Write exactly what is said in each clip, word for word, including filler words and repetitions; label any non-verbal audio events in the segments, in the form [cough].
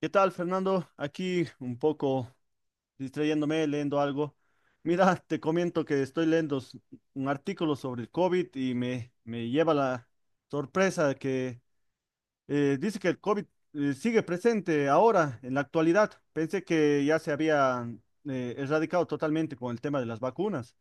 ¿Qué tal, Fernando? Aquí un poco distrayéndome, leyendo algo. Mira, te comento que estoy leyendo s- un artículo sobre el COVID y me, me lleva la sorpresa de que eh, dice que el COVID eh, sigue presente ahora, en la actualidad. Pensé que ya se había eh, erradicado totalmente con el tema de las vacunas.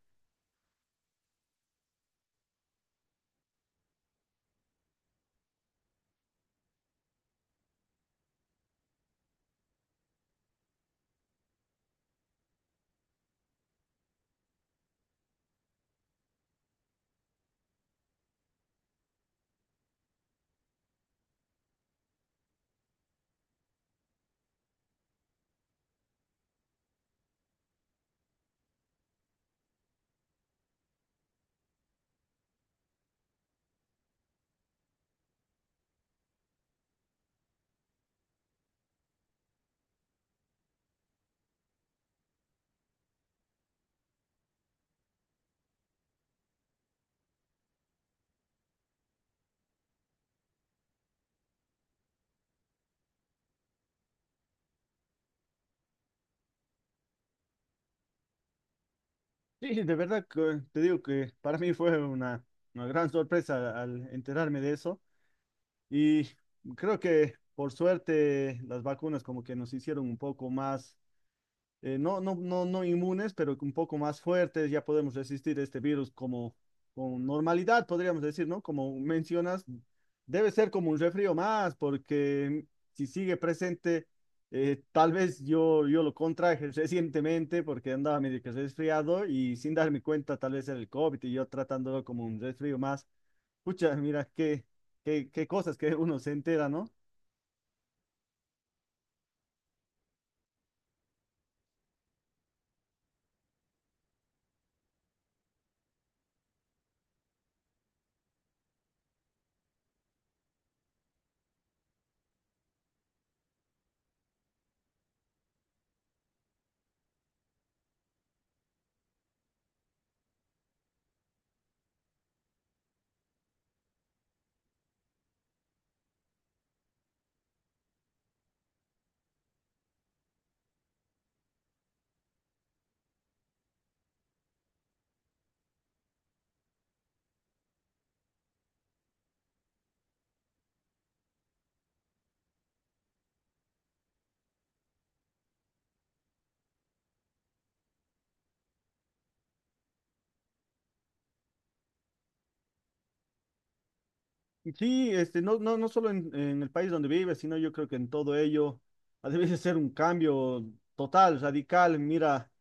Sí, de verdad que te digo que para mí fue una, una gran sorpresa al enterarme de eso. Y creo que por suerte las vacunas como que nos hicieron un poco más, eh, no, no, no, no inmunes, pero un poco más fuertes, ya podemos resistir este virus como con normalidad, podríamos decir, ¿no? Como mencionas, debe ser como un refrío más, porque si sigue presente, eh, tal vez yo, yo lo contraje recientemente porque andaba medio que resfriado y sin darme cuenta tal vez era el COVID y yo tratándolo como un resfrío más. Pucha, mira, qué, qué, qué cosas que [laughs] uno se entera, ¿no? Y sí, este, no, no, no solo en, en el país donde vive, sino yo creo que en todo ello ha de [laughs] ser un cambio total, radical. Mira,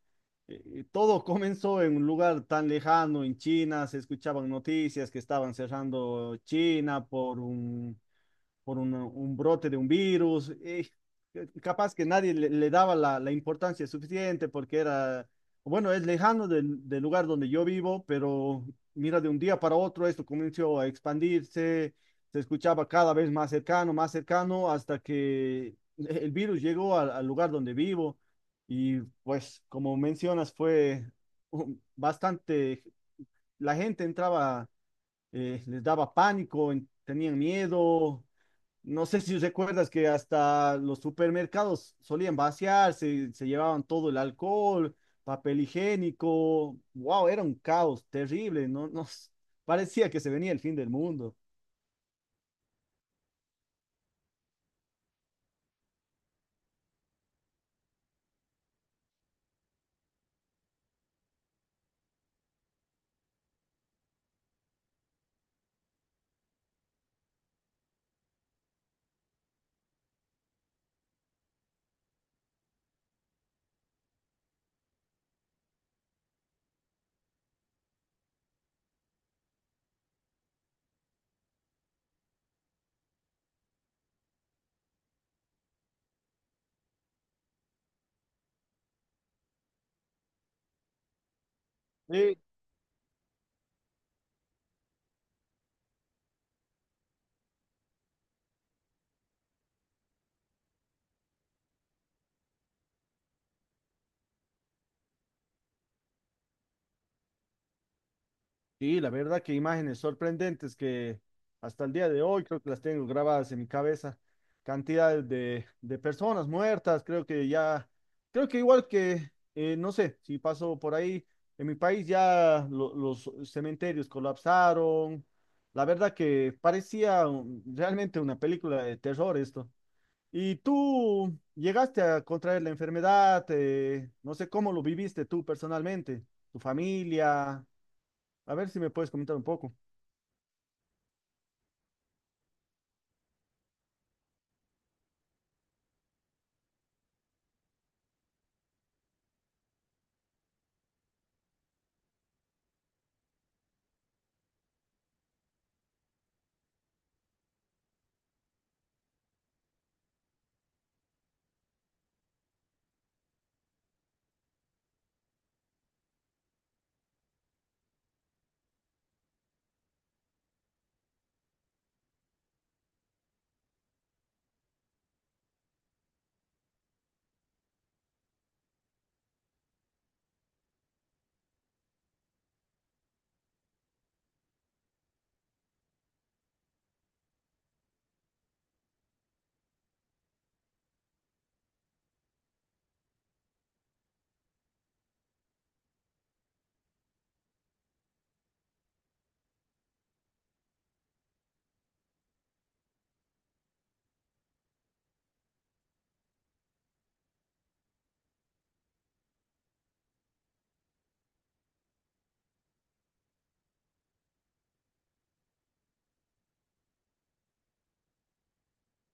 eh, todo comenzó en un lugar tan lejano, en China, se escuchaban noticias que estaban cerrando China por un, por un, un brote de un virus. Eh, capaz que nadie le, le daba la, la importancia suficiente porque era, bueno, es lejano del, del lugar donde yo vivo, pero mira, de un día para otro esto comenzó a expandirse, se escuchaba cada vez más cercano, más cercano, hasta que el virus llegó al, al lugar donde vivo. Y pues, como mencionas, fue um, bastante, la gente entraba, eh, les daba pánico, en- tenían miedo, no sé si recuerdas que hasta los supermercados solían vaciarse, se llevaban todo el alcohol, papel higiénico. Wow, era un caos terrible, no, [laughs] no, s- parecía que se venía el fin del mundo. Sí, la verdad que imágenes sorprendentes que hasta el día de hoy creo que las tengo grabadas en mi cabeza. Cantidades de, de personas muertas, creo que ya, creo que igual que, eh, no sé, si pasó por ahí, en mi país ya lo- los cementerios colapsaron. La verdad que parecía un- realmente una película de terror esto. ¿Y tú llegaste a contraer la enfermedad? Eh, no sé cómo lo viviste tú personalmente, tu familia. A ver si me puedes comentar un poco.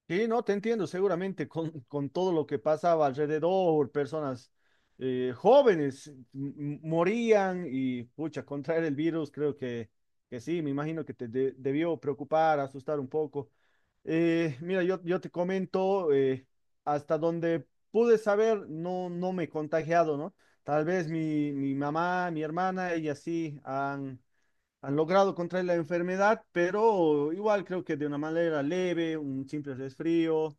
Sí, no, te entiendo, seguramente con, con todo lo que pasaba alrededor, personas eh, jóvenes m- morían y, pucha, contraer el virus, creo que, que sí, me imagino que te de- debió preocupar, asustar un poco. Eh, mira, yo, yo te comento, eh, hasta donde pude saber, no, no me he contagiado, ¿no? Tal vez mi, mi mamá, mi hermana, ellas sí han han logrado contraer la enfermedad, pero igual creo que de una manera leve, un simple resfrío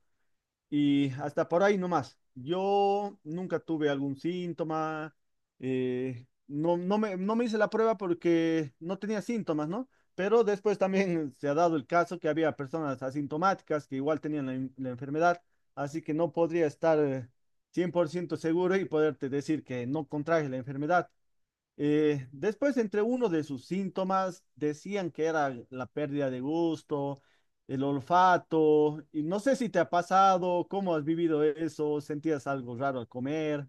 y hasta por ahí nomás. Yo nunca tuve algún síntoma, eh, no, no me, no me hice la prueba porque no tenía síntomas, ¿no? Pero después también se ha dado el caso que había personas asintomáticas que igual tenían la, en- la enfermedad, así que no podría estar eh, cien por ciento seguro y poderte decir que no contraje la enfermedad. Eh, después, entre uno de sus síntomas, decían que era la pérdida de gusto, el olfato, y no sé si te ha pasado, cómo has vivido eso, sentías algo raro al comer.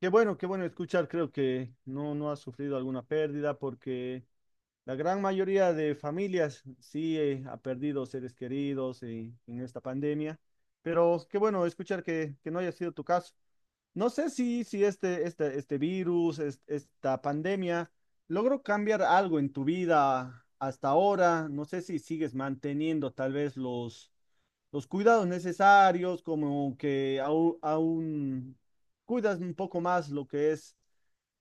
Qué bueno, qué bueno escuchar, creo que no, no has sufrido alguna pérdida porque la gran mayoría de familias sí eh, ha perdido seres queridos eh, en esta pandemia, pero qué bueno escuchar que, que no haya sido tu caso. No sé si, si este, este, este virus, es- esta pandemia, logró cambiar algo en tu vida hasta ahora. No sé si sigues manteniendo tal vez los, los cuidados necesarios, como que au- aún, cuidas un poco más lo que es,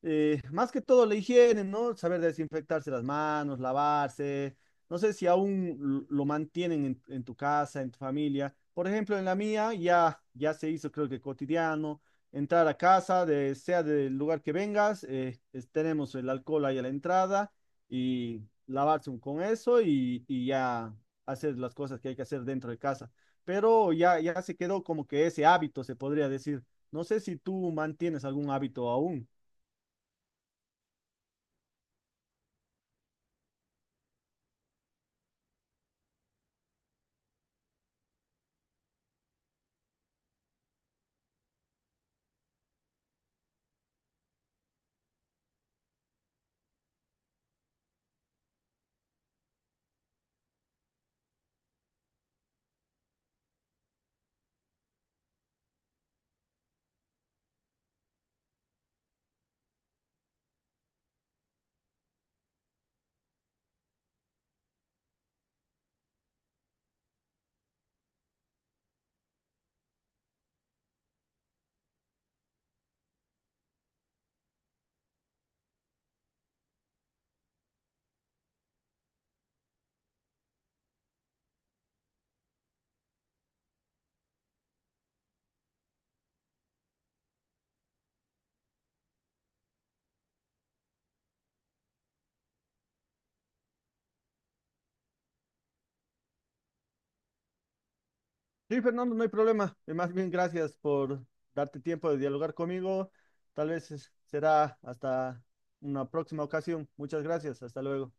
eh, más que todo la higiene, ¿no? Saber desinfectarse las manos, lavarse. No sé si aún lo lo mantienen en, en, tu casa, en tu familia. Por ejemplo, en la mía ya, ya se hizo, creo que cotidiano, entrar a casa, de, sea del lugar que vengas, eh, es- tenemos el alcohol ahí a la entrada y lavarse con eso y y ya hacer las cosas que hay que hacer dentro de casa, pero ya, ya se quedó como que ese hábito, se podría decir. No sé si tú mantienes algún hábito aún. Sí, Fernando, no hay problema. Eh, Más bien, gracias por darte tiempo de dialogar conmigo. Tal vez es- será hasta una próxima ocasión. Muchas gracias. Hasta luego.